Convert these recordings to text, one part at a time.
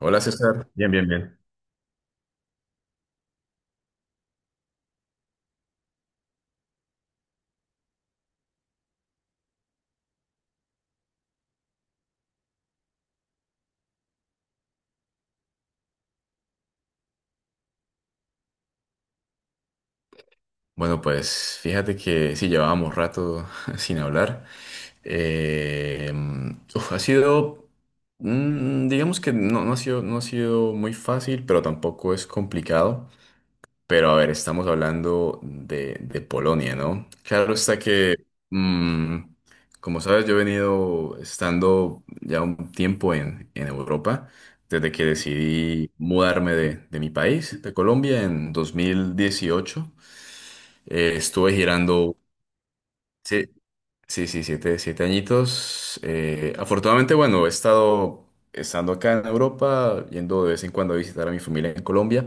Hola César. Bien, bien, bien. Bueno, pues fíjate que sí llevábamos rato sin hablar. Eh, Uf, ha sido, digamos que no ha sido muy fácil, pero tampoco es complicado. Pero a ver, estamos hablando de Polonia, ¿no? Claro está que, mm, como sabes, yo he venido estando ya un tiempo en Europa, desde que decidí mudarme de mi país, de Colombia, en 2018. Estuve girando, sí. Sí, sí, siete añitos. Afortunadamente, bueno, he estado estando acá en Europa, yendo de vez en cuando a visitar a mi familia en Colombia,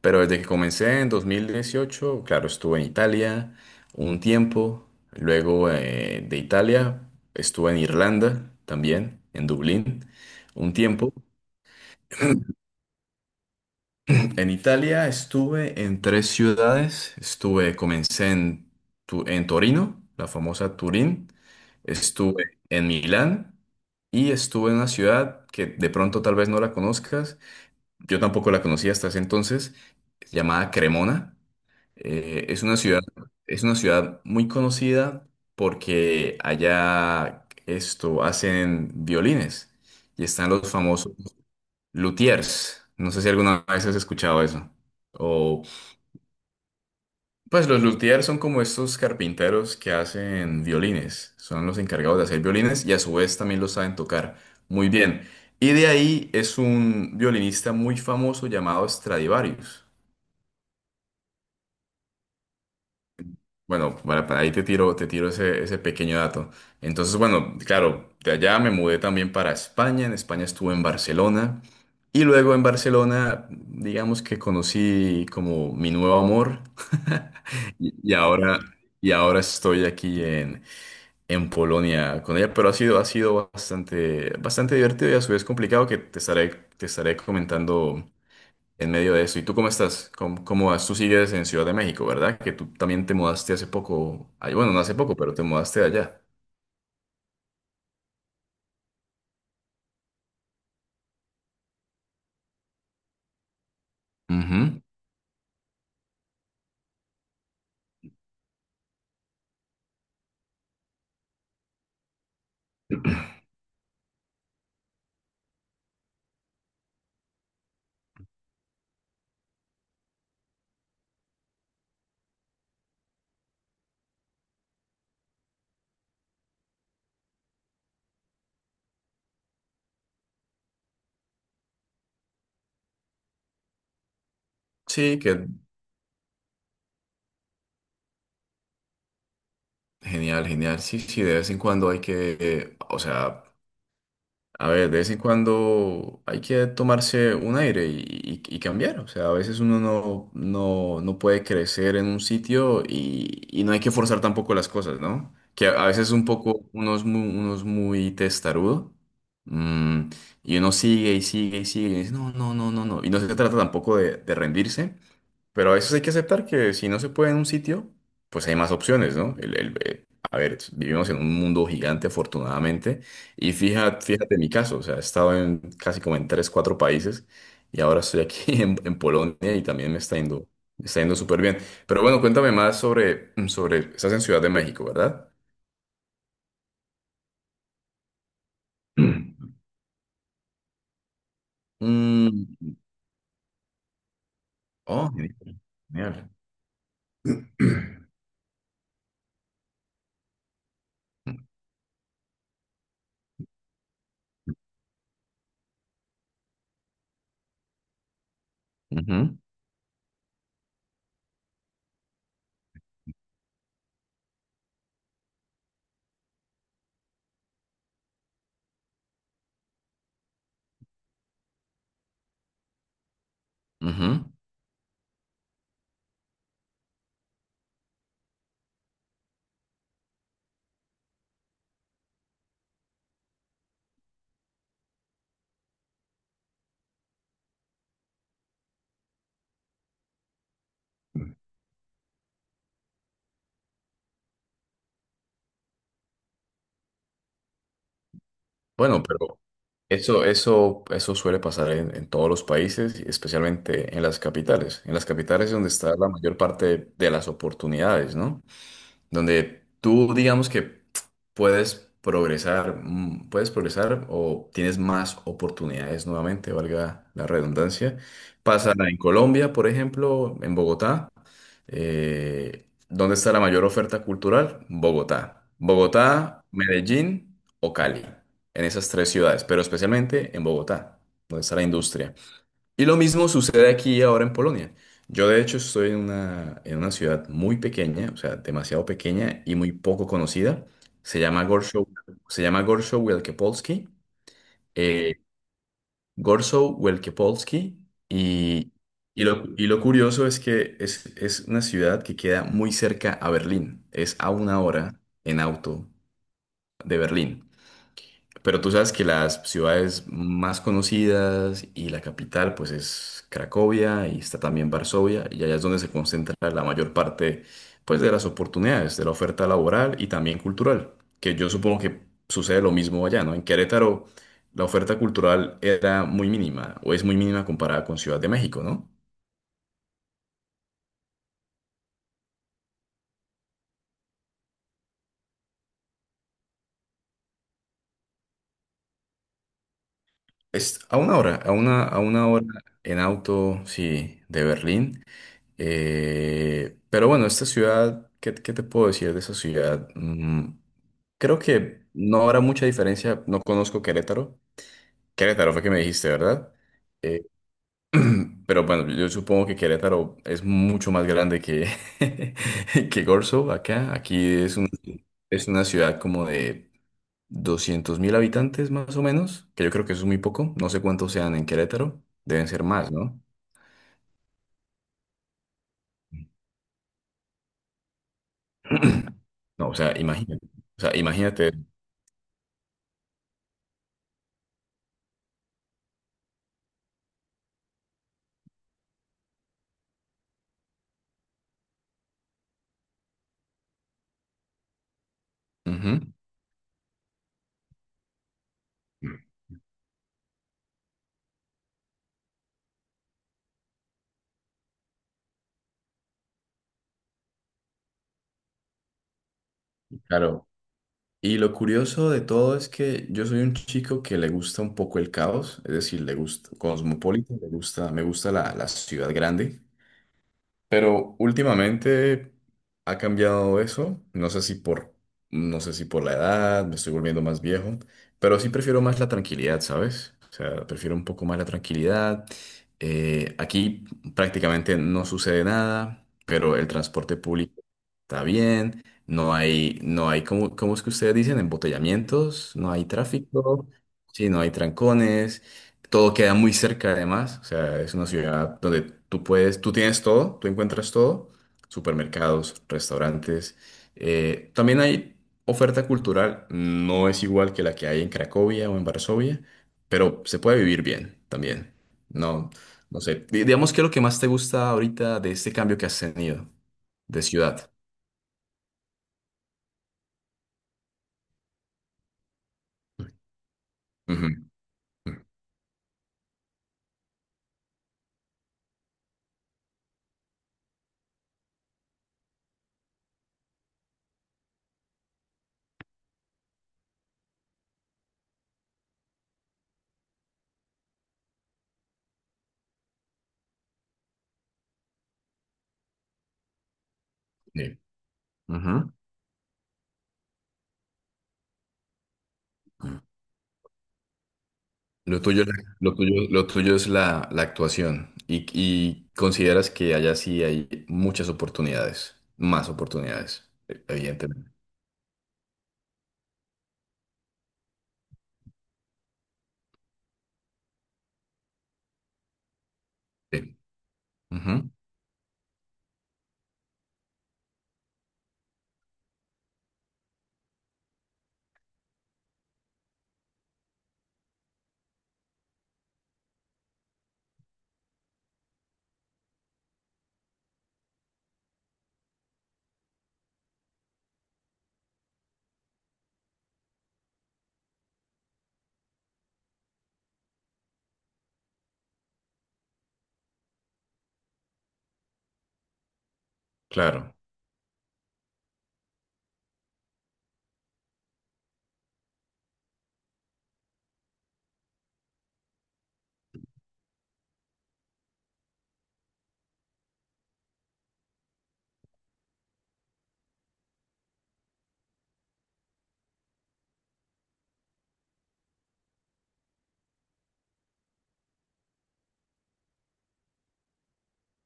pero desde que comencé en 2018 claro, estuve en Italia un tiempo, luego de Italia estuve en Irlanda también, en Dublín, un tiempo. En Italia estuve en tres ciudades. Comencé en, en Torino, la famosa Turín. Estuve en Milán y estuve en una ciudad que de pronto tal vez no la conozcas. Yo tampoco la conocía hasta ese entonces, llamada Cremona. Es una ciudad muy conocida porque allá esto hacen violines y están los famosos luthiers. No sé si alguna vez has escuchado eso. O, pues los luthiers son como estos carpinteros que hacen violines. Son los encargados de hacer violines y a su vez también los saben tocar muy bien. Y de ahí es un violinista muy famoso llamado Stradivarius. Bueno, para ahí te tiro ese pequeño dato. Entonces, bueno, claro, de allá me mudé también para España. En España estuve en Barcelona. Y luego en Barcelona, digamos que conocí como mi nuevo amor. Y, y ahora, y ahora estoy aquí en, Polonia con ella. Pero ha sido bastante, bastante divertido y a su vez complicado que te estaré comentando en medio de eso. ¿Y tú cómo estás? Cómo vas? Tú sigues en Ciudad de México, ¿verdad? Que tú también te mudaste hace poco. Ay, bueno, no hace poco, pero te mudaste de allá. Ujú. Sí, que genial, genial. Sí, sí, de vez en cuando hay que, o sea, a ver, de vez en cuando hay que tomarse un aire y, y cambiar. O sea, a veces uno no puede crecer en un sitio y, no hay que forzar tampoco las cosas, ¿no? Que a veces un poco uno es muy testarudo, mm, y uno sigue y sigue y sigue y dice, no, no, no, no, no. Y no se trata tampoco de rendirse, pero a veces hay que aceptar que si no se puede en un sitio, pues hay más opciones, ¿no? A ver, vivimos en un mundo gigante, afortunadamente, y fíjate mi caso, o sea, he estado en casi como en tres, cuatro países y ahora estoy aquí en, Polonia y también me me está yendo súper bien. Pero bueno, cuéntame más sobre, estás en Ciudad de México, ¿verdad? Mm, oh, genial. Genial. Ujú, ujú. Bueno, pero eso suele pasar en todos los países, y especialmente en las capitales. En las capitales es donde está la mayor parte de las oportunidades, ¿no? Donde tú digamos que puedes progresar o tienes más oportunidades nuevamente, valga la redundancia. Pasa en Colombia, por ejemplo, en Bogotá. ¿Dónde está la mayor oferta cultural? Bogotá. Bogotá, Medellín o Cali. En esas tres ciudades, pero especialmente en Bogotá, donde está la industria. Y lo mismo sucede aquí ahora en Polonia. Yo de hecho estoy en una ciudad muy pequeña, o sea, demasiado pequeña y muy poco conocida. Se llama Gorszow, Se llama Gorszow Wielkopolski. eh, Gorszow Wielkopolski. Y, y lo curioso es que es una ciudad que queda muy cerca a Berlín. Es a una hora en auto de Berlín. Pero tú sabes que las ciudades más conocidas y la capital pues es Cracovia y está también Varsovia y allá es donde se concentra la mayor parte pues de las oportunidades, de la oferta laboral y también cultural, que yo supongo que sucede lo mismo allá, ¿no? En Querétaro la oferta cultural era muy mínima o es muy mínima comparada con Ciudad de México, ¿no? Es a una hora en auto, sí, de Berlín. Pero bueno, esta ciudad, qué te puedo decir de esa ciudad? Creo que no habrá mucha diferencia. No conozco Querétaro. Querétaro fue que me dijiste, ¿verdad? Eh, pero bueno, yo supongo que Querétaro es mucho más grande que, que Corzo acá. Es una ciudad como de 200.000 habitantes más o menos, que yo creo que eso es muy poco. No sé cuántos sean en Querétaro. Deben ser más, ¿no? No, o sea, imagínate. O sea, imagínate. Ujú. Claro. Y lo curioso de todo es que yo soy un chico que le gusta un poco el caos, es decir, le gusta cosmopolita, le gusta, me gusta la ciudad grande. Pero últimamente ha cambiado eso, no sé si por la edad, me estoy volviendo más viejo, pero sí prefiero más la tranquilidad, ¿sabes? O sea, prefiero un poco más la tranquilidad. Aquí prácticamente no sucede nada, pero el transporte público está bien, no hay, cómo es que ustedes dicen? Embotellamientos, no hay tráfico, sí, no hay trancones. Todo queda muy cerca además, o sea, es una ciudad donde tú puedes, tú tienes todo, tú encuentras todo, supermercados, restaurantes. También hay oferta cultural, no es igual que la que hay en Cracovia o en Varsovia, pero se puede vivir bien también. No, no sé, digamos que lo que más te gusta ahorita de este cambio que has tenido de ciudad. Ujú. Sí. Lo tuyo, lo tuyo es la actuación y, consideras que allá sí hay muchas oportunidades, más oportunidades, evidentemente. Sí. Ujú, Claro.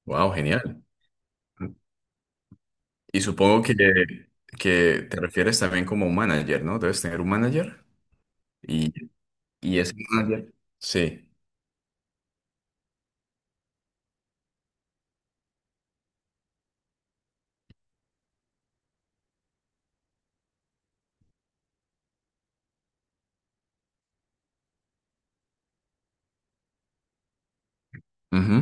Wow, genial. Y supongo que te refieres también como un manager, ¿no? Debes tener un manager y, ese manager. Sí. Ujú,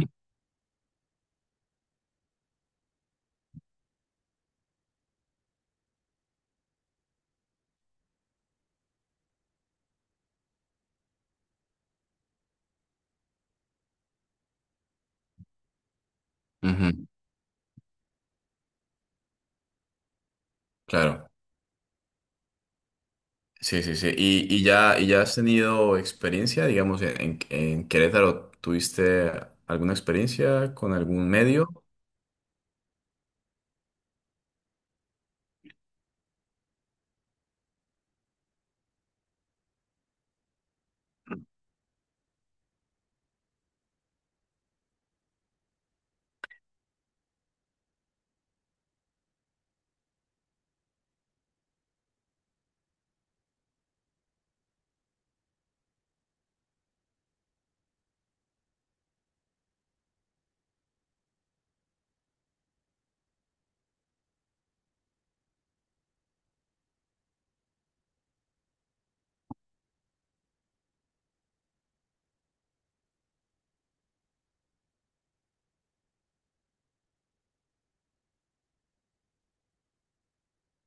ujú, Claro. Sí, sí, sí. ¿Y ya has tenido experiencia, digamos, en, Querétaro? ¿Tuviste alguna experiencia con algún medio?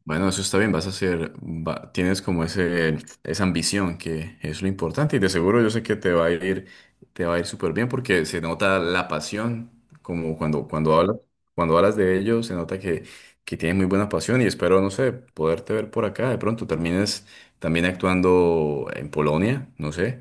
Bueno, eso está bien, vas a hacer, va- tienes como ese, esa ambición que es lo importante y de seguro yo sé que te va a ir súper bien porque se nota la pasión, como cuando cuando hablas de ello, se nota que tienes muy buena pasión y espero, no sé, poderte ver por acá. De pronto termines también actuando en Polonia, no sé.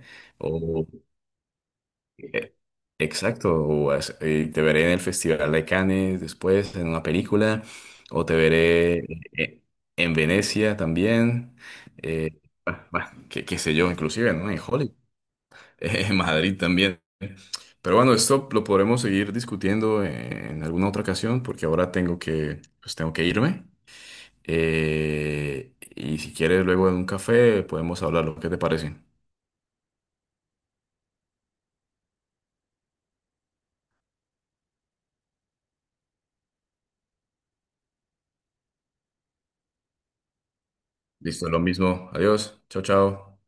Eh, Exacto, o te veré en el Festival de Cannes después en una película, o te veré eh, en Venecia también, bah, bah, qué sé yo, inclusive, ¿no? En Hollywood, en Madrid también. Pero bueno, esto lo podremos seguir discutiendo en alguna otra ocasión, porque ahora pues tengo que irme. Y si quieres, luego en un café podemos hablar, ¿qué te parece? Listo, lo mismo. Adiós, chao, chao.